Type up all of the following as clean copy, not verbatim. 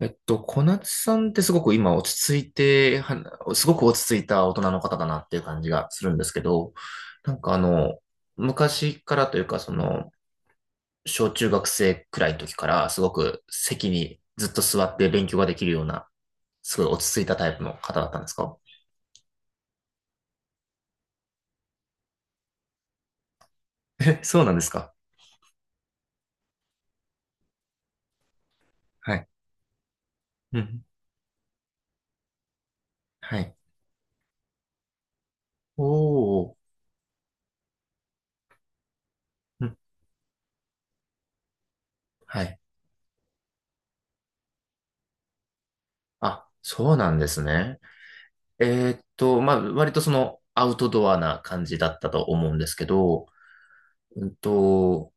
小夏さんってすごく今落ち着いて、はすごく落ち着いた大人の方だなっていう感じがするんですけど、なんか昔からというか、小中学生くらいの時からすごく席にずっと座って勉強ができるような、すごい落ち着いたタイプの方だったんですか？え、そうなんですか？はい。うん。はい。おお。うん。はい。あ、そうなんですね。えまあ、割とアウトドアな感じだったと思うんですけど、うんと、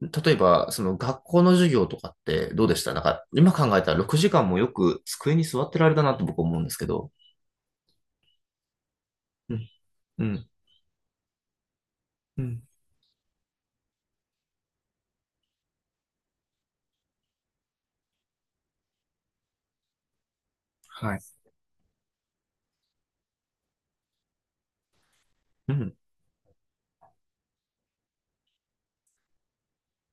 例えば、その学校の授業とかってどうでした？なんか、今考えたら6時間もよく机に座ってられたなと僕思うんですけど。うん。うん。うん。はい。うん。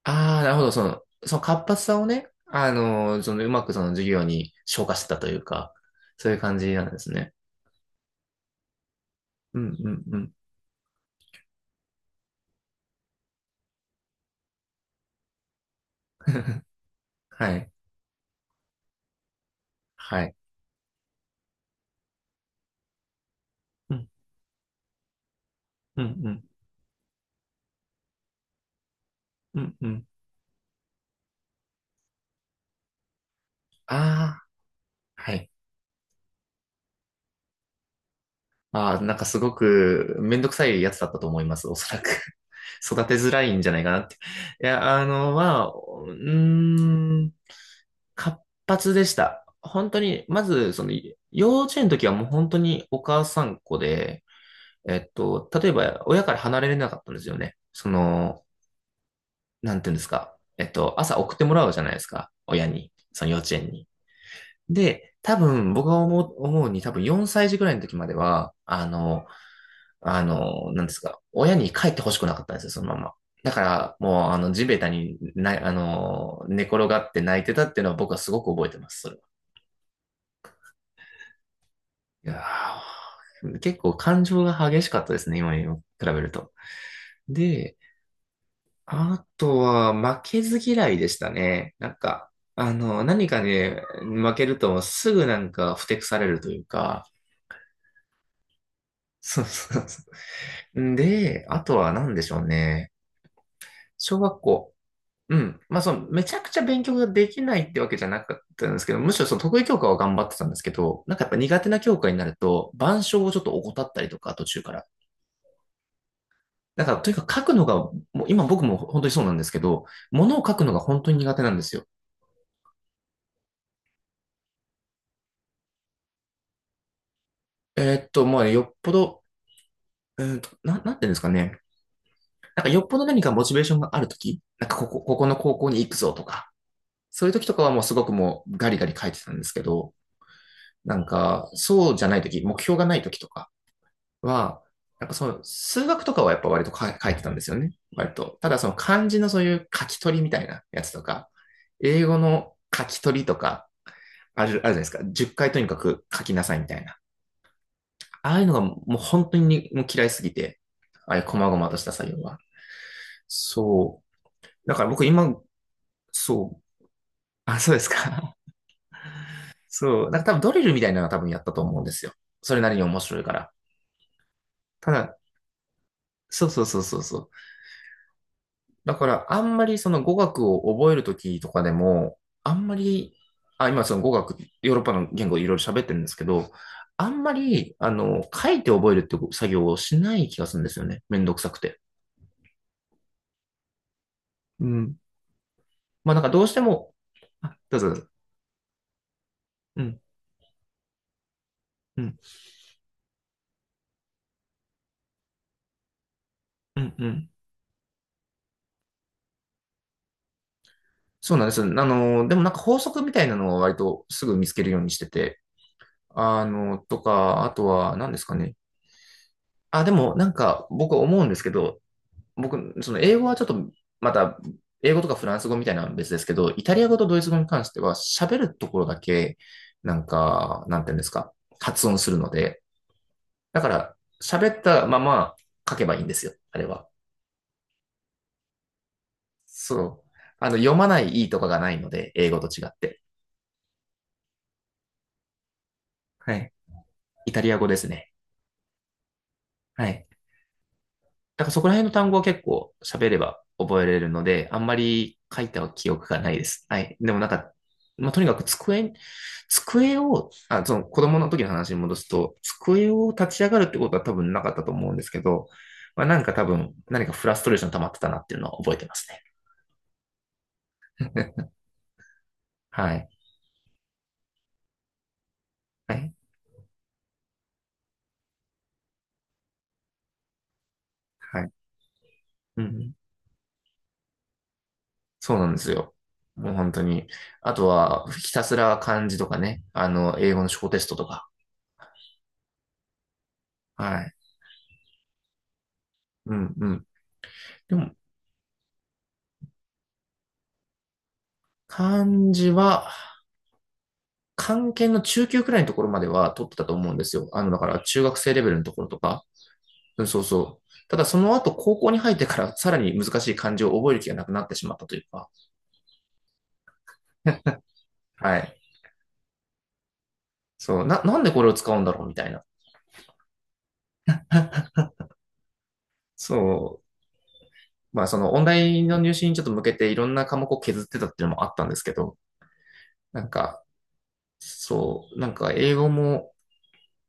ああ、なるほど。その活発さをね、うまくその授業に昇華してたというか、そういう感じなんですね。うん、うん、うん。はい。はい。うん、うん、うん、うん、うん。ああ、はい。ああ、なんかすごくめんどくさいやつだったと思います、おそらく。育てづらいんじゃないかなって。いや、まあ、活発でした。本当に、まず、幼稚園の時はもう本当にお母さんっ子で、例えば親から離れれなかったんですよね。なんていうんですか。朝送ってもらうじゃないですか。親に。その幼稚園に。で、多分、僕が思うに多分4歳児ぐらいの時までは、あの、あの、なんですか、親に帰ってほしくなかったんですよ、そのまま。だから、もう、地べたにな、あの、寝転がって泣いてたっていうのは僕はすごく覚えてます、それは。いやー結構感情が激しかったですね、今に比べると。で、あとは、負けず嫌いでしたね。なんか、何かね、負けるとすぐなんか、ふてくされるというか、そうそうそう。で、あとは何でしょうね。小学校。うん。まあ、めちゃくちゃ勉強ができないってわけじゃなかったんですけど、むしろその得意教科は頑張ってたんですけど、なんかやっぱ苦手な教科になると、板書をちょっと怠ったりとか、途中から。だから、とにかく書くのが、もう今僕も本当にそうなんですけど、ものを書くのが本当に苦手なんですよ。まあ、よっぽど、なんていうんですかね。なんかよっぽど何かモチベーションがあるとき、なんかここの高校に行くぞとか、そういうときとかはもうすごくもうガリガリ書いてたんですけど、なんか、そうじゃないとき、目標がないときとか、は、なんかその数学とかはやっぱ割とか書いてたんですよね。割と。ただその漢字のそういう書き取りみたいなやつとか、英語の書き取りとか、あるじゃないですか。10回とにかく書きなさいみたいな。ああいうのがもう本当にもう嫌いすぎて、ああいう細々とした作業は。そう。だから僕今、そう。あ、そうですか。そう。なんか多分ドリルみたいなのは多分やったと思うんですよ。それなりに面白いから。ただ、そうそうそうそうそう。だから、あんまりその語学を覚えるときとかでも、あんまり、あ、今その語学、ヨーロッパの言語いろいろ喋ってるんですけど、あんまり、書いて覚えるって作業をしない気がするんですよね。めんどくさくて。うん。まあなんかどうしても、あ、どうぞどうぞ。うん、うん、うん、うん。そうなんです。でもなんか法則みたいなのは割とすぐ見つけるようにしてて、あとは何ですかね。あ、でもなんか僕思うんですけど、僕、その英語はちょっと、また、英語とかフランス語みたいなのは別ですけど、イタリア語とドイツ語に関しては、喋るところだけ、なんか、なんていうんですか、発音するので、だから、喋ったまま書けばいいんですよ、あれは。そう。読まないいいとかがないので、英語と違って。はい。イタリア語ですね。はい。だからそこら辺の単語は結構喋れば覚えれるので、あんまり書いた記憶がないです。はい。でもなんか、まあ、とにかく机を、あ、その子供の時の話に戻すと、机を立ち上がるってことは多分なかったと思うんですけど、まあ、なんか多分何かフラストレーション溜まってたなっていうのは覚えてますね。はい。はい。はい。うん。そうなんですよ。もう本当に。あとは、ひたすら漢字とかね、英語の小テストとか。はい。うんうん。でも、漢字は、漢検の中級くらいのところまでは取ってたと思うんですよ。だから中学生レベルのところとか。うん、そうそう。ただその後高校に入ってからさらに難しい漢字を覚える気がなくなってしまったというか。はい。そう。なんでこれを使うんだろうみたいな。そう。まあその音大の入試にちょっと向けていろんな科目を削ってたっていうのもあったんですけど、なんか、そう。なんか英語も、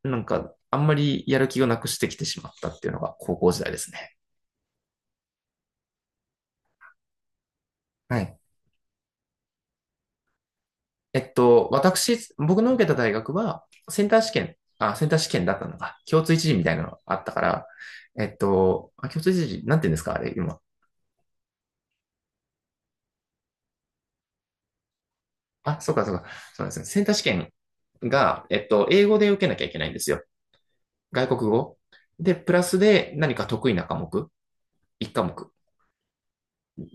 なんかあんまりやる気をなくしてきてしまったっていうのが高校時代ですね。はい。僕の受けた大学は、センター試験、あ、センター試験だったのか、共通一次みたいなのがあったから、あ、共通一次、なんて言うんですか、あれ、今。あ、そうか、そうか、そうですね。センター試験が、英語で受けなきゃいけないんですよ。外国語。で、プラスで何か得意な科目、1科目。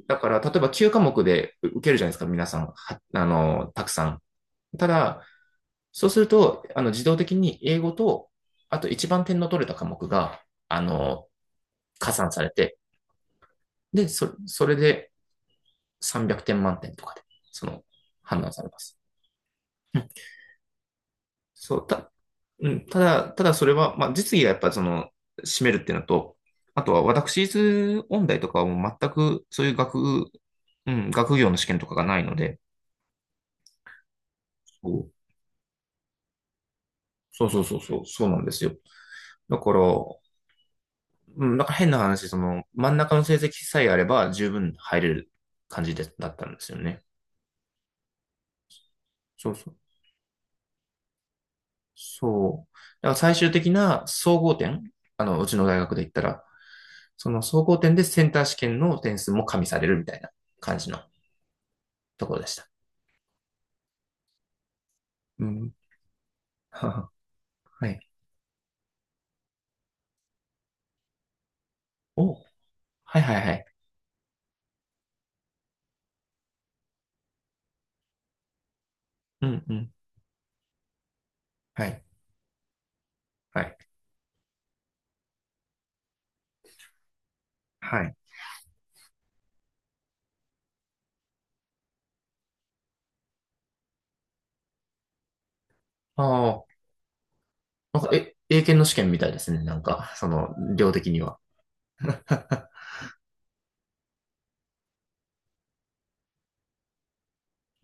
だから、例えば9科目で受けるじゃないですか、皆さん、は、たくさん。ただ、そうすると、自動的に英語と、あと一番点の取れた科目が、あの、加算されて、で、それで300点満点とかで、その、判断されます。うん。そう、ただそれは、まあ、実技がやっぱその、占めるっていうのと、あとは私立音大とかはもう全くそういう学、うん、学業の試験とかがないので、そうそうそうそう、そうなんですよ。だから、うん、なんか変な話、真ん中の成績さえあれば十分入れる感じで、だったんですよね。そうそう。そう。だから最終的な総合点、うちの大学で言ったら、その総合点でセンター試験の点数も加味されるみたいな感じのところでした。うん。はい。お、はいはいはい。うんうん。はい。はい。はい。ああ、なんか、え、英検の試験みたいですね。なんか、量的には。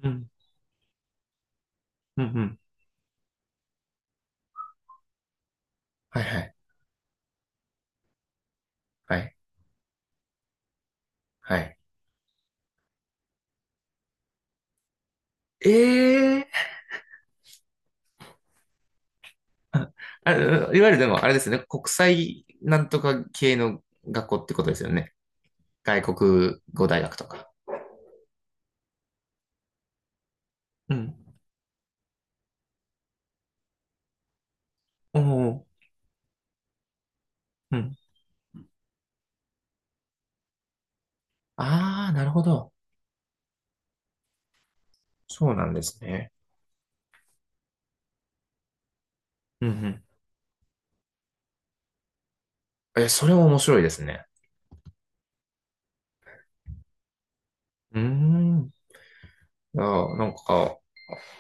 うん。うんうん。はいはい。はい。はい。ええ、あ、いわゆるでも、あれですよね。国際なんとか系の学校ってことですよね。外国語大学とか。うん。おお。うん。ああ、なるほど。そうなんですね。うんうん、え、それも面白いですね。うん。あ、なんか、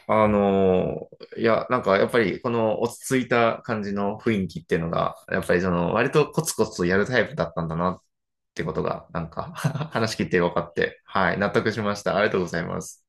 あのいや、なんかやっぱりこの落ち着いた感じの雰囲気っていうのが、やっぱりその割とコツコツとやるタイプだったんだなってことが、なんか 話聞いて分かって、はい、納得しました。ありがとうございます。